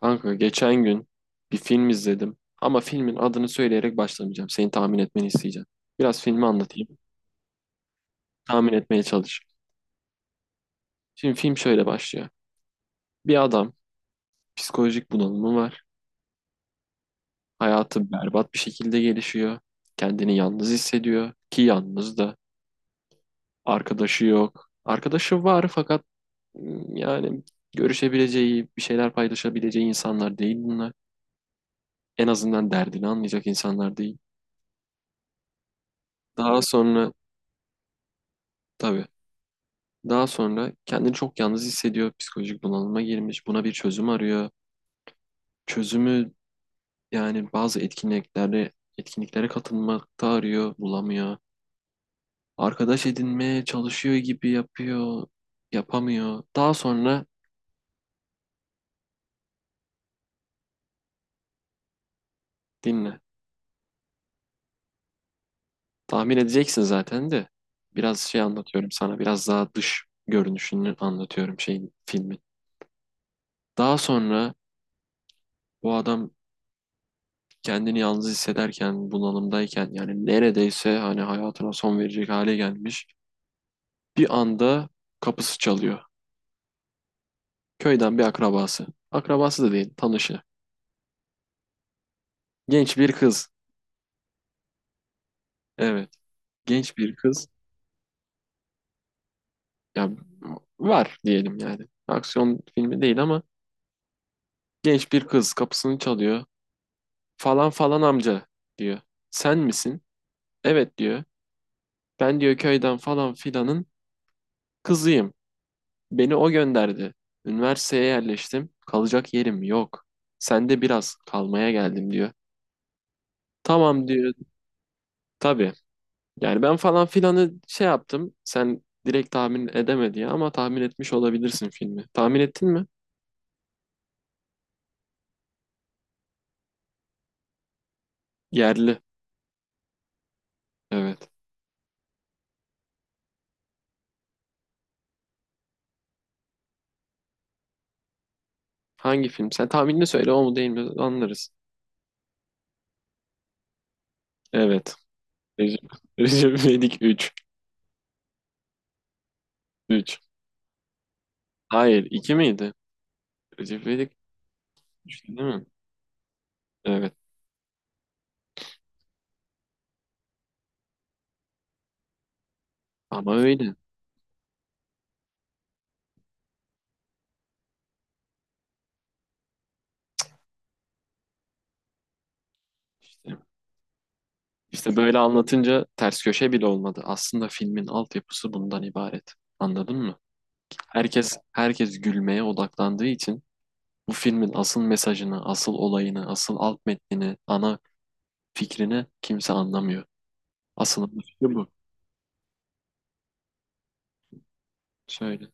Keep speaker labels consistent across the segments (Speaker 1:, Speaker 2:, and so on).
Speaker 1: Kanka geçen gün bir film izledim ama filmin adını söyleyerek başlamayacağım. Senin tahmin etmeni isteyeceğim. Biraz filmi anlatayım. Tahmin etmeye çalış. Şimdi film şöyle başlıyor. Bir adam psikolojik bunalımı var. Hayatı berbat bir şekilde gelişiyor. Kendini yalnız hissediyor ki yalnız da arkadaşı yok. Arkadaşı var fakat yani görüşebileceği, bir şeyler paylaşabileceği insanlar değil bunlar. En azından derdini anlayacak insanlar değil. Daha sonra, tabii. Daha sonra kendini çok yalnız hissediyor, psikolojik bunalıma girmiş, buna bir çözüm arıyor. Çözümü yani bazı etkinliklere katılmakta arıyor, bulamıyor. Arkadaş edinmeye çalışıyor gibi yapıyor, yapamıyor. Daha sonra dinle. Tahmin edeceksin zaten de. Biraz şey anlatıyorum sana, biraz daha dış görünüşünü anlatıyorum şeyin filmin. Daha sonra bu adam kendini yalnız hissederken, bunalımdayken yani neredeyse hani hayatına son verecek hale gelmiş. Bir anda kapısı çalıyor. Köyden bir akrabası. Akrabası da değil, tanışı. Genç bir kız. Evet, genç bir kız. Ya var diyelim yani. Aksiyon filmi değil ama genç bir kız kapısını çalıyor. Falan falan amca diyor. Sen misin? Evet diyor. Ben diyor köyden falan filanın kızıyım. Beni o gönderdi. Üniversiteye yerleştim. Kalacak yerim yok. Sen de biraz kalmaya geldim diyor. Tamam diyor. Tabii. Yani ben falan filanı şey yaptım. Sen direkt tahmin edemedi ya ama tahmin etmiş olabilirsin filmi. Tahmin ettin mi? Yerli. Evet. Hangi film? Sen tahminini söyle o mu değil mi anlarız. Evet. Recep, Recep İvedik 3. 3. Hayır, 2 miydi? Recep İvedik 3 değil mi? Evet. Ama öyle. İşte, işte böyle anlatınca ters köşe bile olmadı. Aslında filmin altyapısı bundan ibaret. Anladın mı? Herkes gülmeye odaklandığı için bu filmin asıl mesajını, asıl olayını, asıl alt metnini, ana fikrini kimse anlamıyor. Asıl ana fikri bu. Şöyle.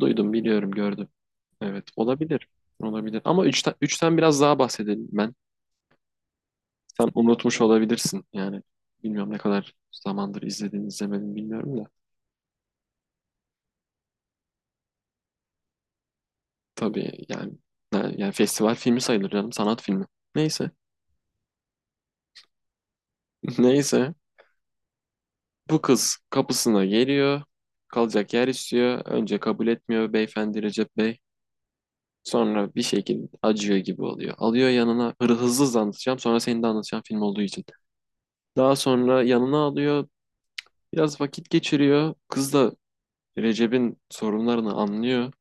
Speaker 1: Duydum, biliyorum, gördüm. Evet, olabilir. Olabilir. Ama üçten biraz daha bahsedelim ben. Sen unutmuş olabilirsin. Yani bilmiyorum ne kadar zamandır izledin, izlemedin bilmiyorum da. Tabii yani, yani festival filmi sayılır canım, sanat filmi. Neyse. Neyse. Bu kız kapısına geliyor. Kalacak yer istiyor. Önce kabul etmiyor beyefendi Recep Bey. Sonra bir şekilde acıyor gibi oluyor. Alıyor yanına hızlı hızlı anlatacağım. Sonra senin de anlatacağım film olduğu için. Daha sonra yanına alıyor. Biraz vakit geçiriyor. Kız da Recep'in sorunlarını anlıyor.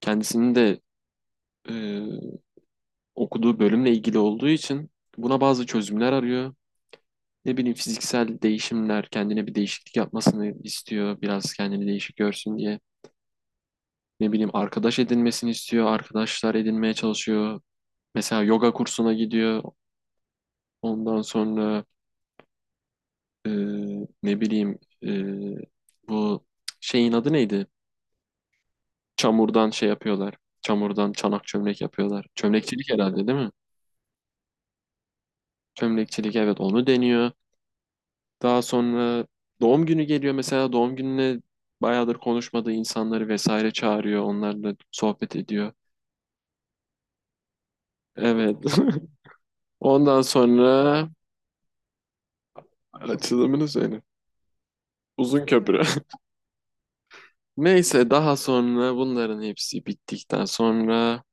Speaker 1: Kendisinin de e, okuduğu bölümle ilgili olduğu için buna bazı çözümler arıyor. Ne bileyim fiziksel değişimler, kendine bir değişiklik yapmasını istiyor. Biraz kendini değişik görsün diye. Ne bileyim arkadaş edinmesini istiyor. Arkadaşlar edinmeye çalışıyor. Mesela yoga kursuna gidiyor. Ondan sonra e, ne bileyim e, bu şeyin adı neydi? Çamurdan şey yapıyorlar. Çamurdan çanak çömlek yapıyorlar. Çömlekçilik herhalde değil mi? Çömlekçilik, evet, onu deniyor. Daha sonra doğum günü geliyor, mesela doğum gününe bayağıdır konuşmadığı insanları vesaire çağırıyor. Onlarla sohbet ediyor. Evet. Ondan sonra açılımını söyle. Uzun köprü. Neyse, daha sonra bunların hepsi bittikten sonra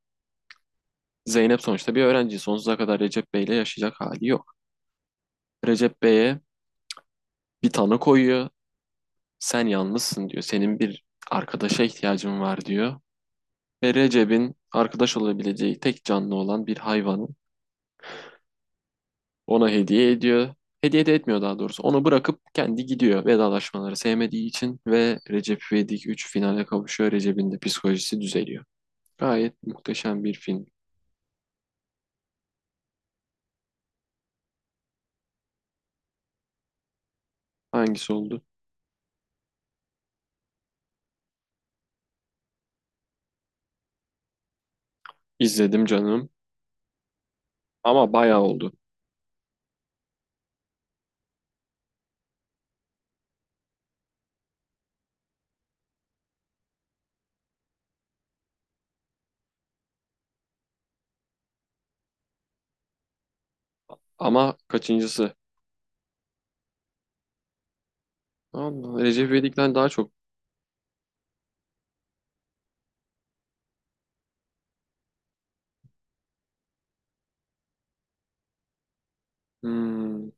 Speaker 1: Zeynep sonuçta bir öğrenci. Sonsuza kadar Recep Bey'le yaşayacak hali yok. Recep Bey'e bir tanı koyuyor. Sen yalnızsın diyor. Senin bir arkadaşa ihtiyacın var diyor. Ve Recep'in arkadaş olabileceği tek canlı olan bir hayvanı ona hediye ediyor. Hediye de etmiyor daha doğrusu. Onu bırakıp kendi gidiyor vedalaşmaları sevmediği için ve Recep İvedik üç finale kavuşuyor. Recep'in de psikolojisi düzeliyor. Gayet muhteşem bir film. Hangisi oldu? İzledim canım ama bayağı oldu. Ama kaçıncısı? Allah, Recep İvedik'ten daha çok. Hmm.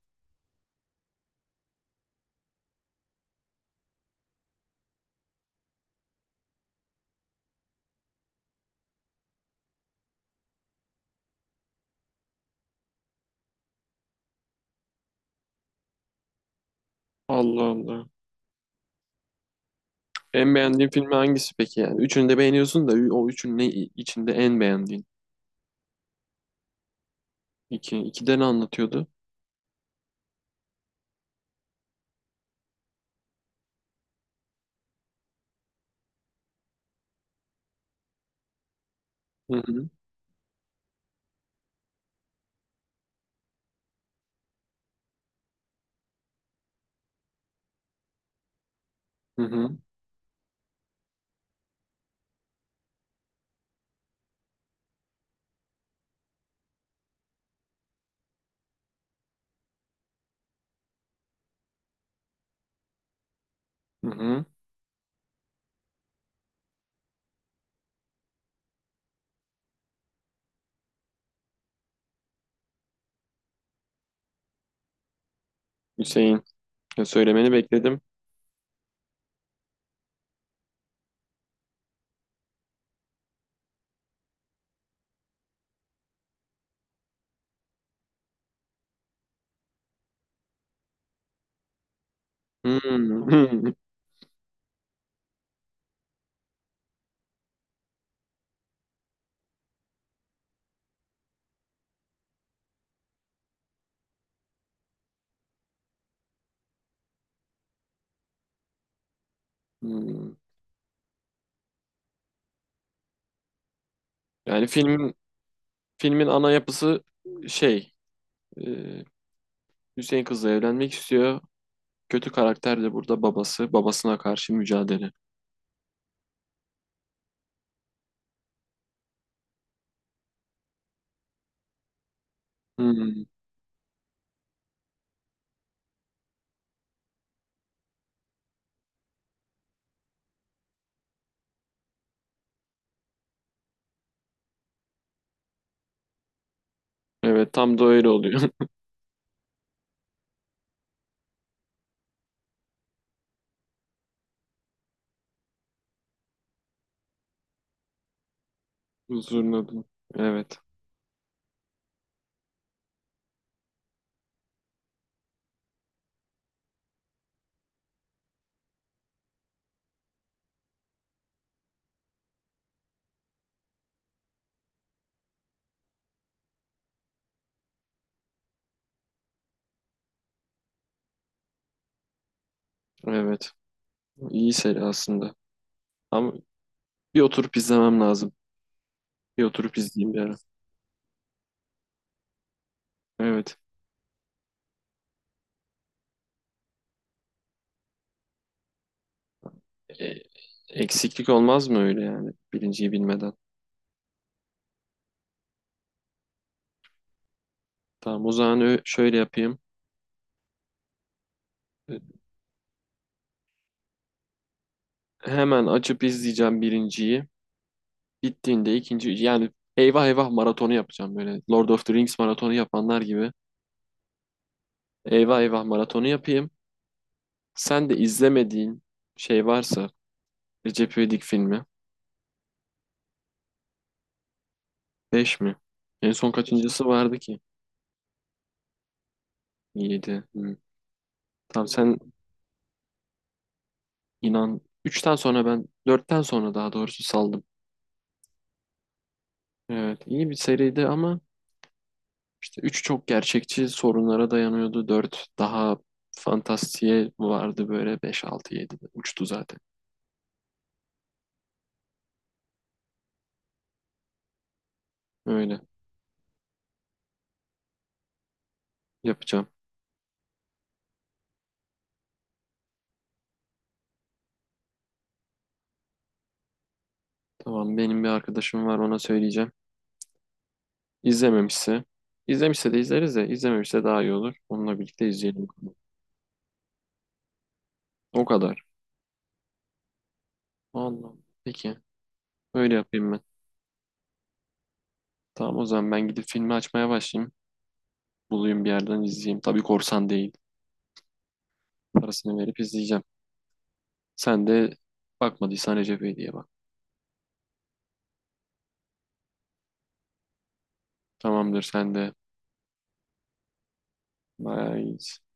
Speaker 1: Allah Allah. En beğendiğin filmi hangisi peki yani? Üçünü de beğeniyorsun da o üçünün ne içinde en beğendiğin? İki, ikide ne anlatıyordu? Hı hı, hı hı, hı hı. Hüseyin. Ya söylemeni bekledim. Hmm. Hmm, hmm. Yani filmin ana yapısı şey e, Hüseyin kızla evlenmek istiyor. Kötü karakter de burada babası. Babasına karşı mücadele. Hmm. Evet, tam da öyle oluyor. Huzurun adı. Evet. Evet. İyi seri aslında. Ama bir oturup izlemem lazım. Bir oturup izleyeyim bir ara. Evet. E, eksiklik olmaz mı öyle yani birinciyi bilmeden? Tamam o zaman şöyle yapayım. E, Hemen açıp izleyeceğim birinciyi. Bittiğinde ikinci yani eyvah eyvah maratonu yapacağım böyle. Lord of the Rings maratonu yapanlar gibi. Eyvah eyvah maratonu yapayım. Sen de izlemediğin şey varsa Recep İvedik filmi. 5 mi? En son kaçıncısı vardı ki? 7. Tamam sen. İnan üçten sonra, ben dörtten sonra daha doğrusu saldım. Evet, iyi bir seriydi ama işte 3 çok gerçekçi sorunlara dayanıyordu. Dört daha fantastiğe vardı, böyle 5 6 7 uçtu zaten. Öyle yapacağım. Tamam benim bir arkadaşım var, ona söyleyeceğim. İzlememişse, izlemişse de izleriz, de izlememişse daha iyi olur. Onunla birlikte izleyelim. O kadar. Allah. Peki öyle yapayım ben. Tamam o zaman ben gidip filmi açmaya başlayayım. Bulayım bir yerden izleyeyim. Tabii korsan değil. Parasını verip izleyeceğim. Sen de bakmadıysan Recep İvedik'e bak. Tamamdır sen de. Bye.